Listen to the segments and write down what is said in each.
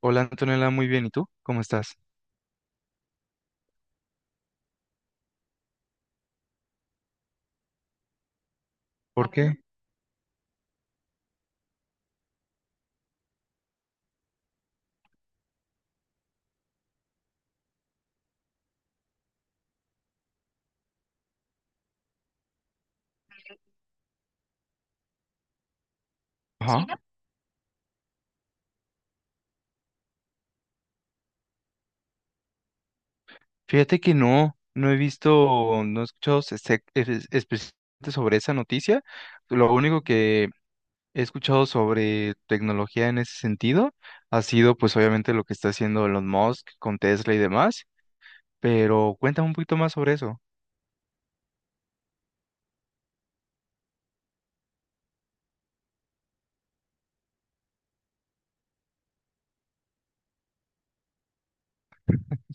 Hola Antonella, muy bien. ¿Y tú? ¿Cómo estás? ¿Por Bueno, qué? Ajá. Fíjate que no he visto, no he escuchado específicamente sobre esa noticia. Lo único que he escuchado sobre tecnología en ese sentido ha sido pues obviamente lo que está haciendo Elon Musk con Tesla y demás, pero cuéntame un poquito más sobre eso.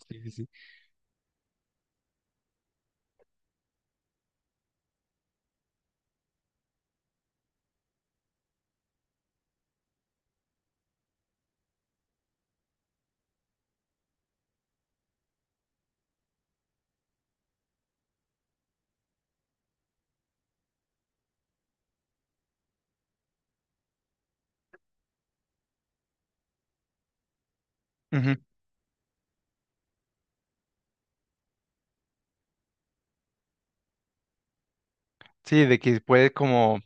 Sí, sí, sí. Ujú. Sí, de que puede como,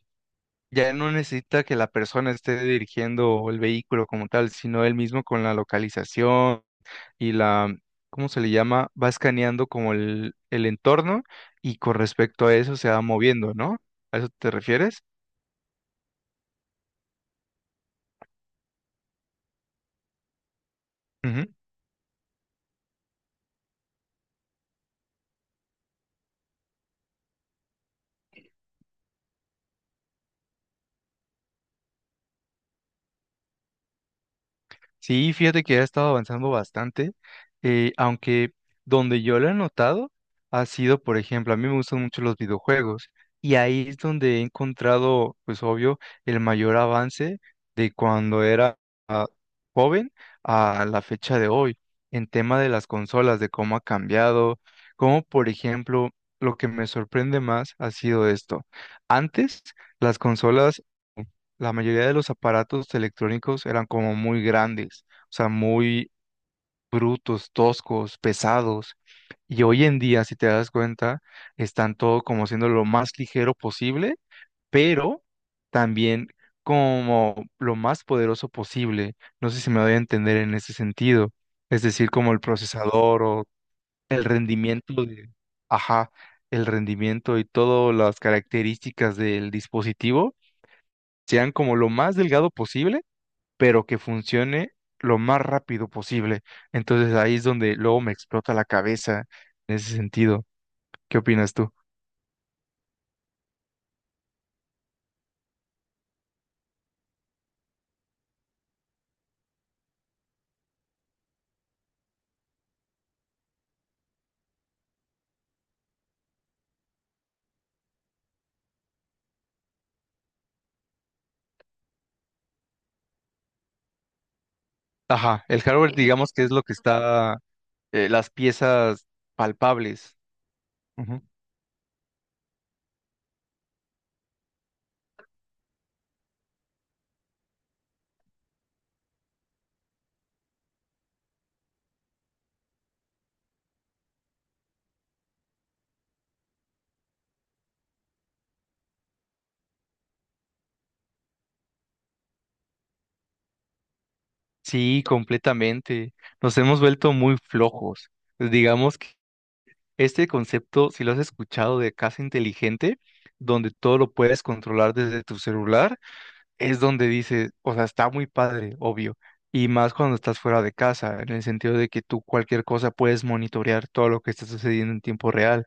ya no necesita que la persona esté dirigiendo el vehículo como tal, sino él mismo con la localización y la, ¿cómo se le llama? Va escaneando como el entorno y con respecto a eso se va moviendo, ¿no? ¿A eso te refieres? Sí, fíjate que ha estado avanzando bastante, aunque donde yo lo he notado ha sido, por ejemplo, a mí me gustan mucho los videojuegos y ahí es donde he encontrado, pues obvio, el mayor avance de cuando era ah, joven a la fecha de hoy, en tema de las consolas, de cómo ha cambiado, como por ejemplo, lo que me sorprende más ha sido esto. Antes, las consolas la mayoría de los aparatos electrónicos eran como muy grandes, o sea, muy brutos, toscos, pesados. Y hoy en día, si te das cuenta, están todo como siendo lo más ligero posible, pero también como lo más poderoso posible. No sé si me doy a entender en ese sentido. Es decir, como el procesador o el rendimiento de, ajá, el rendimiento y todas las características del dispositivo sean como lo más delgado posible pero que funcione lo más rápido posible. Entonces ahí es donde luego me explota la cabeza en ese sentido. ¿Qué opinas tú? Ajá, el hardware. Digamos que es lo que está, las piezas palpables. Ujú. Sí, completamente. Nos hemos vuelto muy flojos. Pues, digamos que este concepto, si lo has escuchado, de casa inteligente, donde todo lo puedes controlar desde tu celular, es donde dices, o sea, está muy padre, obvio, y más cuando estás fuera de casa, en el sentido de que tú cualquier cosa puedes monitorear todo lo que está sucediendo en tiempo real,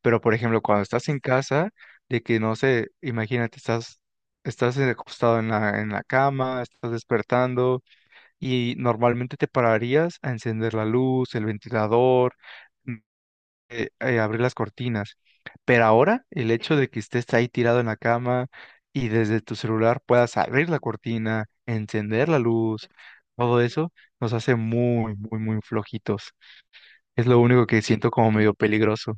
pero por ejemplo, cuando estás en casa, de que no sé, imagínate, estás, estás acostado en la cama, estás despertando y normalmente te pararías a encender la luz, el ventilador, abrir las cortinas. Pero ahora el hecho de que estés ahí tirado en la cama y desde tu celular puedas abrir la cortina, encender la luz, todo eso nos hace muy, muy, muy flojitos. Es lo único que siento como medio peligroso.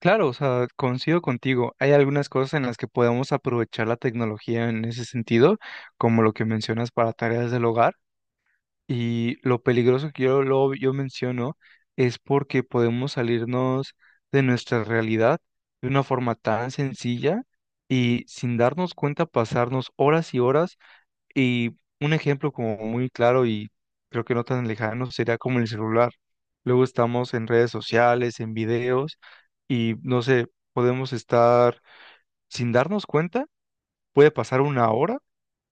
Claro, o sea, coincido contigo. Hay algunas cosas en las que podemos aprovechar la tecnología en ese sentido, como lo que mencionas para tareas del hogar. Y lo peligroso que yo, lo, yo menciono es porque podemos salirnos de nuestra realidad de una forma tan sencilla y sin darnos cuenta pasarnos horas y horas. Y un ejemplo como muy claro y creo que no tan lejano sería como el celular. Luego estamos en redes sociales, en videos y no sé, podemos estar sin darnos cuenta, puede pasar una hora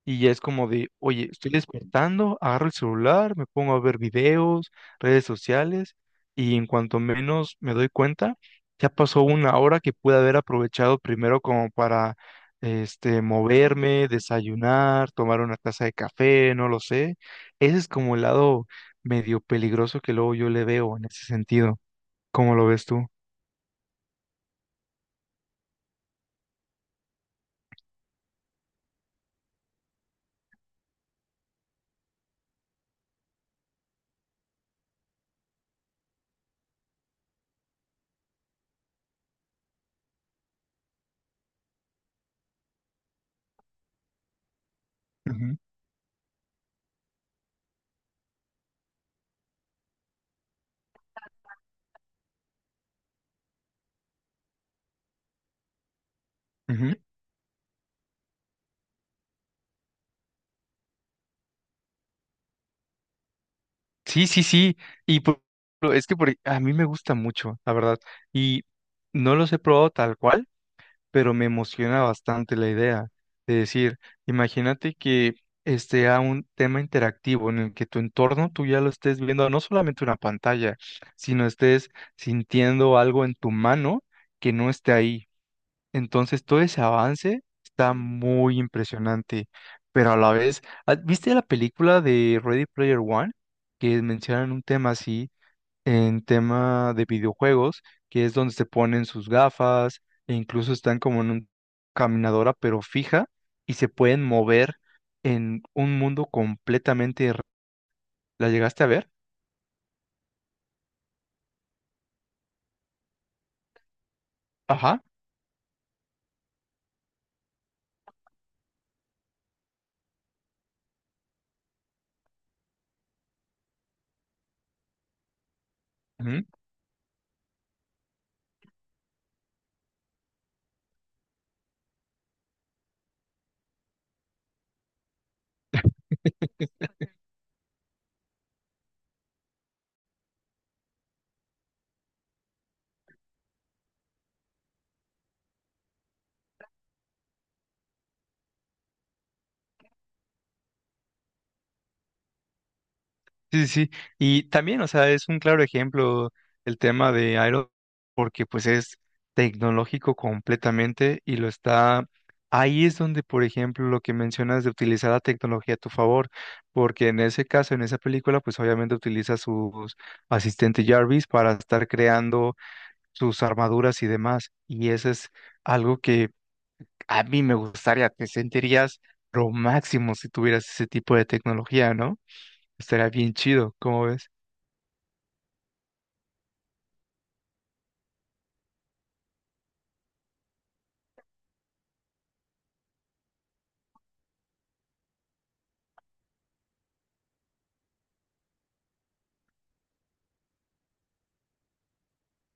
y ya es como de, oye, estoy despertando, agarro el celular, me pongo a ver videos, redes sociales, y en cuanto menos me doy cuenta, ya pasó una hora que pude haber aprovechado primero como para, este, moverme, desayunar, tomar una taza de café, no lo sé. Ese es como el lado medio peligroso que luego yo le veo en ese sentido. ¿Cómo lo ves tú? Ujú, ujú. Sí, sí, sí. Y es que a mí me gusta mucho, la verdad. Y no los he probado tal cual, pero me emociona bastante la idea de decir, imagínate que a un tema interactivo en el que tu entorno tú ya lo estés viendo, no solamente una pantalla, sino estés sintiendo algo en tu mano que no esté ahí. Entonces, todo ese avance está muy impresionante, pero a la vez, ¿viste la película de Ready Player One? Que mencionan un tema así, en tema de videojuegos, que es donde se ponen sus gafas e incluso están como en una caminadora, pero fija, y se pueden mover en un mundo completamente... ¿La llegaste a ver? Ajá. Sí, sí, sí. Y también, o sea, es un claro ejemplo el tema de Aero, porque pues es tecnológico completamente y lo está... Ahí es donde, por ejemplo, lo que mencionas de utilizar la tecnología a tu favor, porque en ese caso, en esa película, pues obviamente utiliza su asistente Jarvis para estar creando sus armaduras y demás. Y eso es algo que a mí me gustaría, te sentirías lo máximo si tuvieras ese tipo de tecnología, ¿no? Estaría bien chido, ¿cómo ves?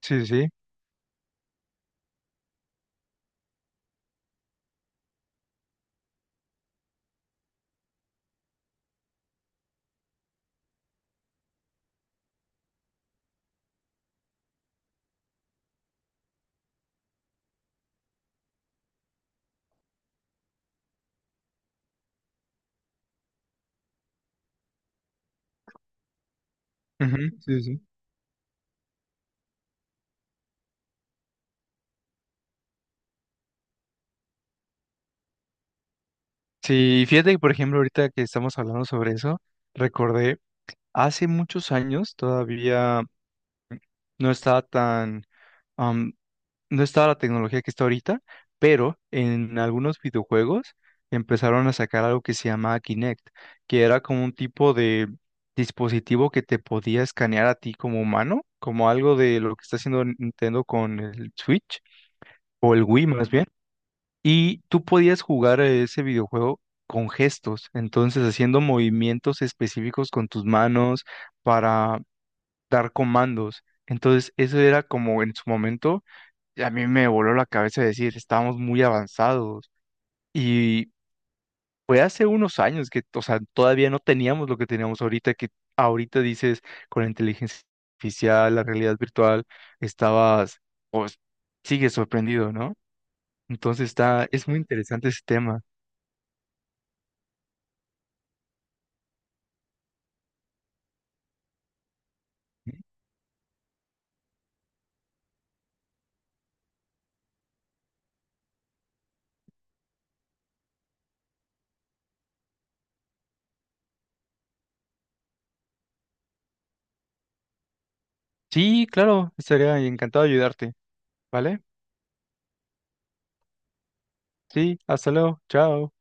Sí, sí, sí. Ujú. Sí, sí. Sí, fíjate que, por ejemplo, ahorita que estamos hablando sobre eso, recordé hace muchos años, todavía no estaba tan, am, no estaba la tecnología que está ahorita, pero en algunos videojuegos empezaron a sacar algo que se llama Kinect, que era como un tipo de dispositivo que te podía escanear a ti como humano, como algo de lo que está haciendo Nintendo con el Switch o el Wii más bien. Y tú podías jugar a ese videojuego con gestos, entonces haciendo movimientos específicos con tus manos para dar comandos. Entonces eso era como en su momento, a mí me voló la cabeza decir, estábamos muy avanzados. Y fue hace unos años que, o sea, todavía no teníamos lo que teníamos ahorita, que ahorita dices con la inteligencia artificial, la realidad virtual, estabas, pues, sigues sorprendido, ¿no? Entonces está, es muy interesante ese tema. Sí, claro, estaría encantado de ayudarte, ¿vale? Sí, hasta luego, chao.